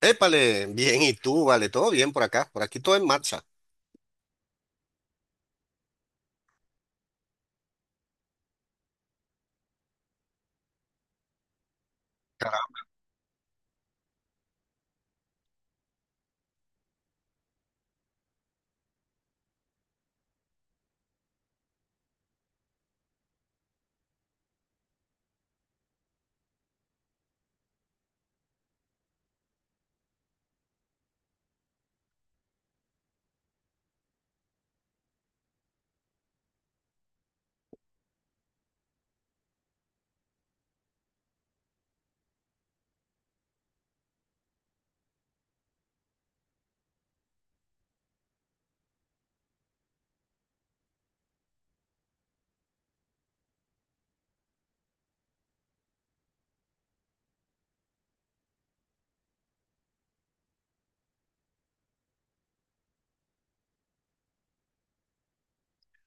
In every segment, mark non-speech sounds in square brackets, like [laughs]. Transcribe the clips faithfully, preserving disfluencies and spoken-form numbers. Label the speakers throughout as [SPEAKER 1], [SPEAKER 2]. [SPEAKER 1] Épale, bien, ¿y tú? Vale, todo bien por acá, por aquí todo en marcha.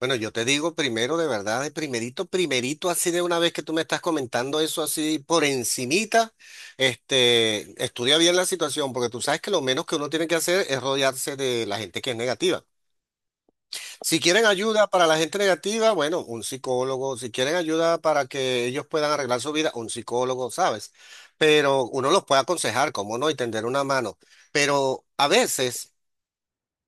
[SPEAKER 1] Bueno, yo te digo primero, de verdad, de primerito, primerito, así de una vez que tú me estás comentando eso así por encimita, este, estudia bien la situación, porque tú sabes que lo menos que uno tiene que hacer es rodearse de la gente que es negativa. Si quieren ayuda para la gente negativa, bueno, un psicólogo, si quieren ayuda para que ellos puedan arreglar su vida, un psicólogo, ¿sabes? Pero uno los puede aconsejar, cómo no, y tender una mano. Pero a veces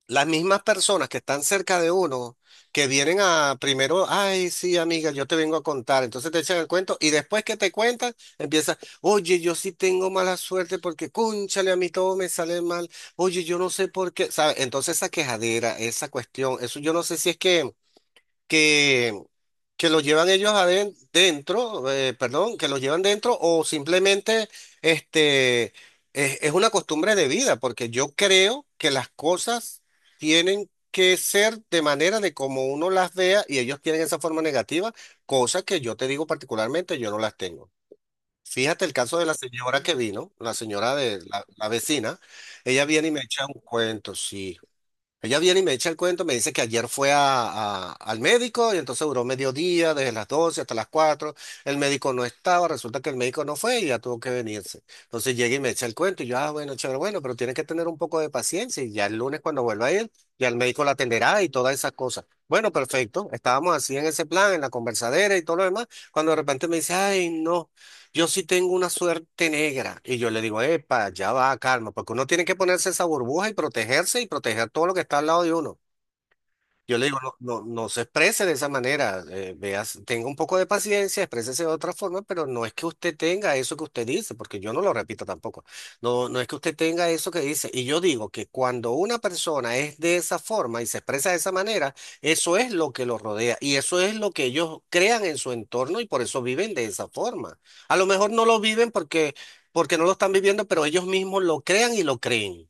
[SPEAKER 1] las mismas personas que están cerca de uno, que vienen a primero, ay, sí, amiga, yo te vengo a contar, entonces te echan el cuento y después que te cuentan, empiezas, oye, yo sí tengo mala suerte porque, cónchale, a mí todo me sale mal, oye, yo no sé por qué, ¿sabes? Entonces esa quejadera, esa cuestión, eso yo no sé si es que que, que los llevan ellos aden- dentro, eh, perdón, que los llevan dentro o simplemente este, es, es una costumbre de vida, porque yo creo que las cosas tienen que ser de manera de como uno las vea y ellos tienen esa forma negativa, cosa que yo te digo particularmente, yo no las tengo. Fíjate el caso de la señora que vino, la señora de la, la vecina, ella viene y me echa un cuento, sí. Ella viene y me echa el cuento, me dice que ayer fue a- a- al médico y entonces duró mediodía, desde las doce hasta las cuatro. El médico no estaba, resulta que el médico no fue y ya tuvo que venirse. Entonces llega y me echa el cuento y yo, ah, bueno, chévere, bueno, pero tienes que tener un poco de paciencia y ya el lunes cuando vuelva a ir, ya el médico la atenderá y todas esas cosas. Bueno, perfecto, estábamos así en ese plan, en la conversadera y todo lo demás, cuando de repente me dice, ay, no. Yo sí tengo una suerte negra y yo le digo, epa, ya va, calma, porque uno tiene que ponerse esa burbuja y protegerse y proteger todo lo que está al lado de uno. Yo le digo, no, no, no se exprese de esa manera, eh, veas, tenga un poco de paciencia, exprésese de otra forma, pero no es que usted tenga eso que usted dice, porque yo no lo repito tampoco. No, no es que usted tenga eso que dice. Y yo digo que cuando una persona es de esa forma y se expresa de esa manera, eso es lo que los rodea y eso es lo que ellos crean en su entorno y por eso viven de esa forma. A lo mejor no lo viven porque, porque no lo están viviendo, pero ellos mismos lo crean y lo creen.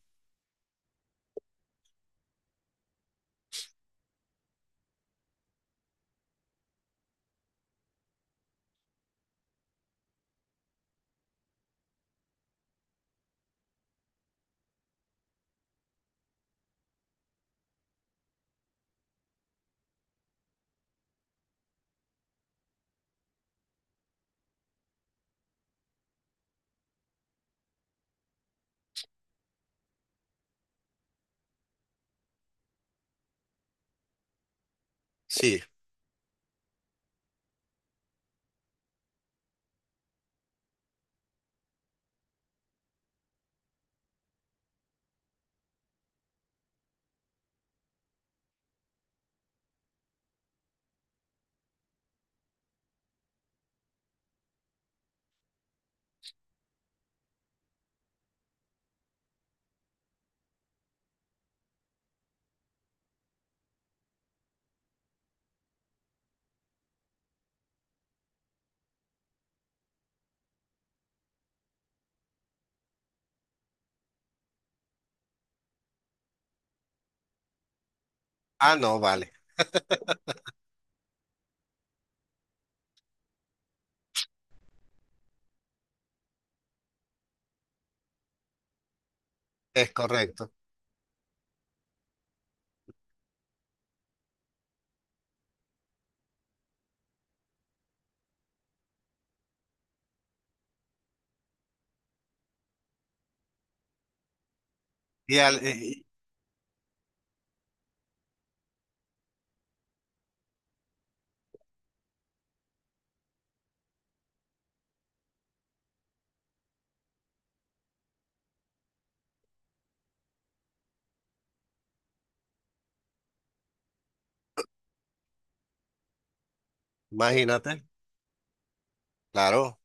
[SPEAKER 1] Sí. Ah, no, vale, es correcto. Y al- eh, ¡Imagínate! Claro.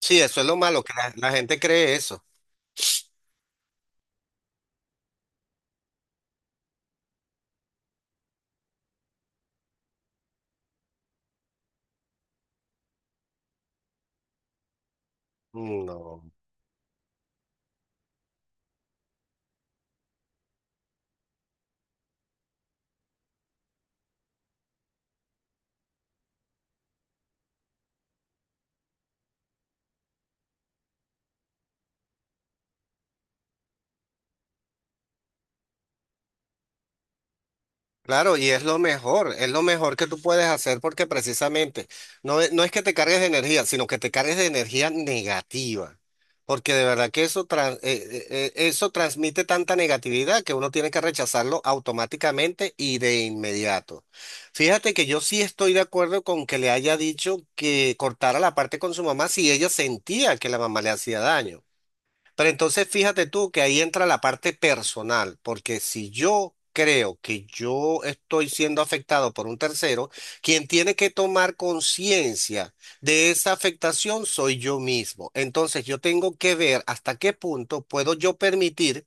[SPEAKER 1] Sí, eso es lo malo, que la, la gente cree eso. No. Claro, y es lo mejor, es lo mejor que tú puedes hacer porque precisamente no, es- no es que te cargues de energía, sino que te cargues de energía negativa. Porque de verdad que eso, tran- eh, eh, eh, eso transmite tanta negatividad que uno tiene que rechazarlo automáticamente y de inmediato. Fíjate que yo sí estoy de acuerdo con que le haya dicho que cortara la parte con su mamá si ella sentía que la mamá le hacía daño. Pero entonces fíjate tú que ahí entra la parte personal, porque si yo creo que yo estoy siendo afectado por un tercero, quien tiene que tomar conciencia de esa afectación soy yo mismo. Entonces yo tengo que ver hasta qué punto puedo yo permitir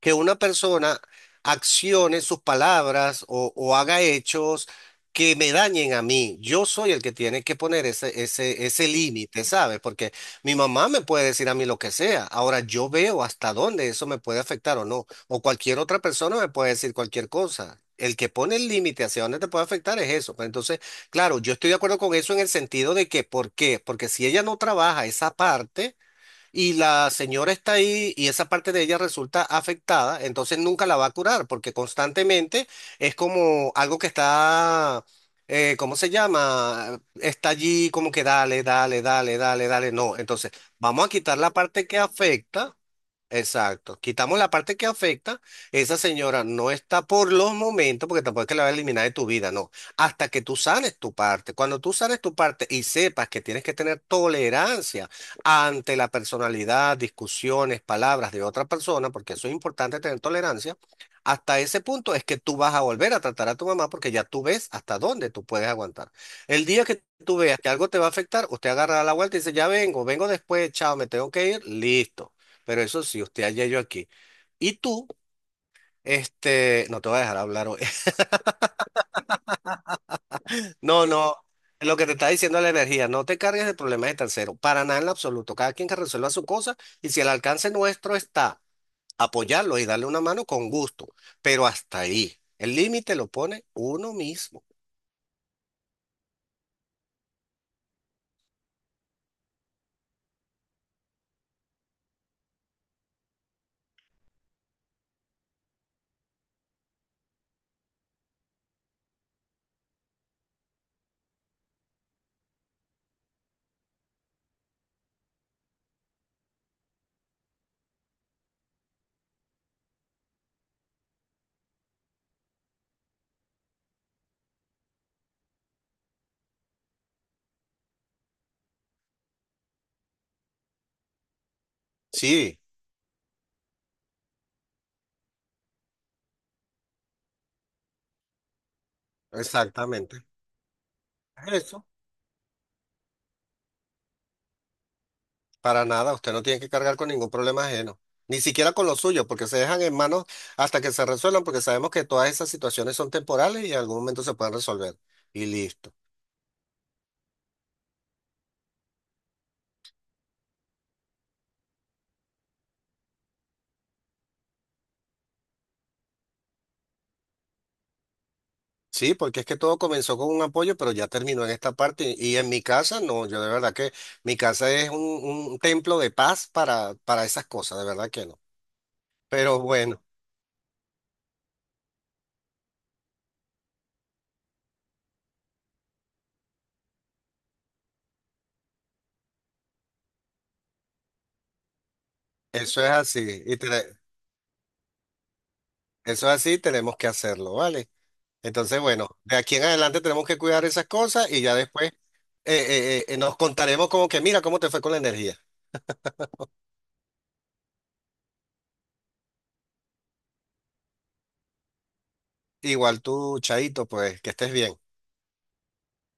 [SPEAKER 1] que una persona accione sus palabras o, o haga hechos que me dañen a mí. Yo soy el que tiene que poner ese, ese, ese límite, ¿sabes? Porque mi mamá me puede decir a mí lo que sea. Ahora yo veo hasta dónde eso me puede afectar o no. O cualquier otra persona me puede decir cualquier cosa. El que pone el límite hacia dónde te puede afectar es eso. Pero entonces, claro, yo estoy de acuerdo con eso en el sentido de que, ¿por qué? Porque si ella no trabaja esa parte, y la señora está ahí y esa parte de ella resulta afectada, entonces nunca la va a curar porque constantemente es como algo que está, eh, ¿cómo se llama? Está allí como que dale, dale, dale, dale, dale. No, entonces vamos a quitar la parte que afecta. Exacto. Quitamos la parte que afecta. Esa señora no está por los momentos, porque tampoco es que la va a eliminar de tu vida, no. Hasta que tú sanes tu parte. Cuando tú sanes tu parte y sepas que tienes que tener tolerancia ante la personalidad, discusiones, palabras de otra persona, porque eso es importante tener tolerancia, hasta ese punto es que tú vas a volver a tratar a tu mamá porque ya tú ves hasta dónde tú puedes aguantar. El día que tú veas que algo te va a afectar, usted agarra la vuelta y dice, ya vengo, vengo después, chao, me tengo que ir, listo. Pero eso sí, usted allá yo aquí. Y tú, este, no te voy a dejar hablar hoy. [laughs] No, no, lo que te está diciendo es la energía, no te cargues de problemas de tercero, para nada en lo absoluto. Cada quien que resuelva su cosa y si el alcance nuestro está apoyarlo y darle una mano con gusto, pero hasta ahí. El límite lo pone uno mismo. Sí, exactamente. Eso. Para nada, usted no tiene que cargar con ningún problema ajeno, ni siquiera con los suyos, porque se dejan en manos hasta que se resuelvan, porque sabemos que todas esas situaciones son temporales y en algún momento se pueden resolver. Y listo. Sí, porque es que todo comenzó con un apoyo, pero ya terminó en esta parte. Y en mi casa, no, yo de verdad que mi casa es un, un templo de paz para, para esas cosas, de verdad que no. Pero bueno, eso es así, y te- eso es así, tenemos que hacerlo, ¿vale? Entonces, bueno, de aquí en adelante tenemos que cuidar esas cosas y ya después eh, eh, eh, eh, nos contaremos como que, mira, cómo te fue con la energía. Igual tú, Chaito, pues que estés bien.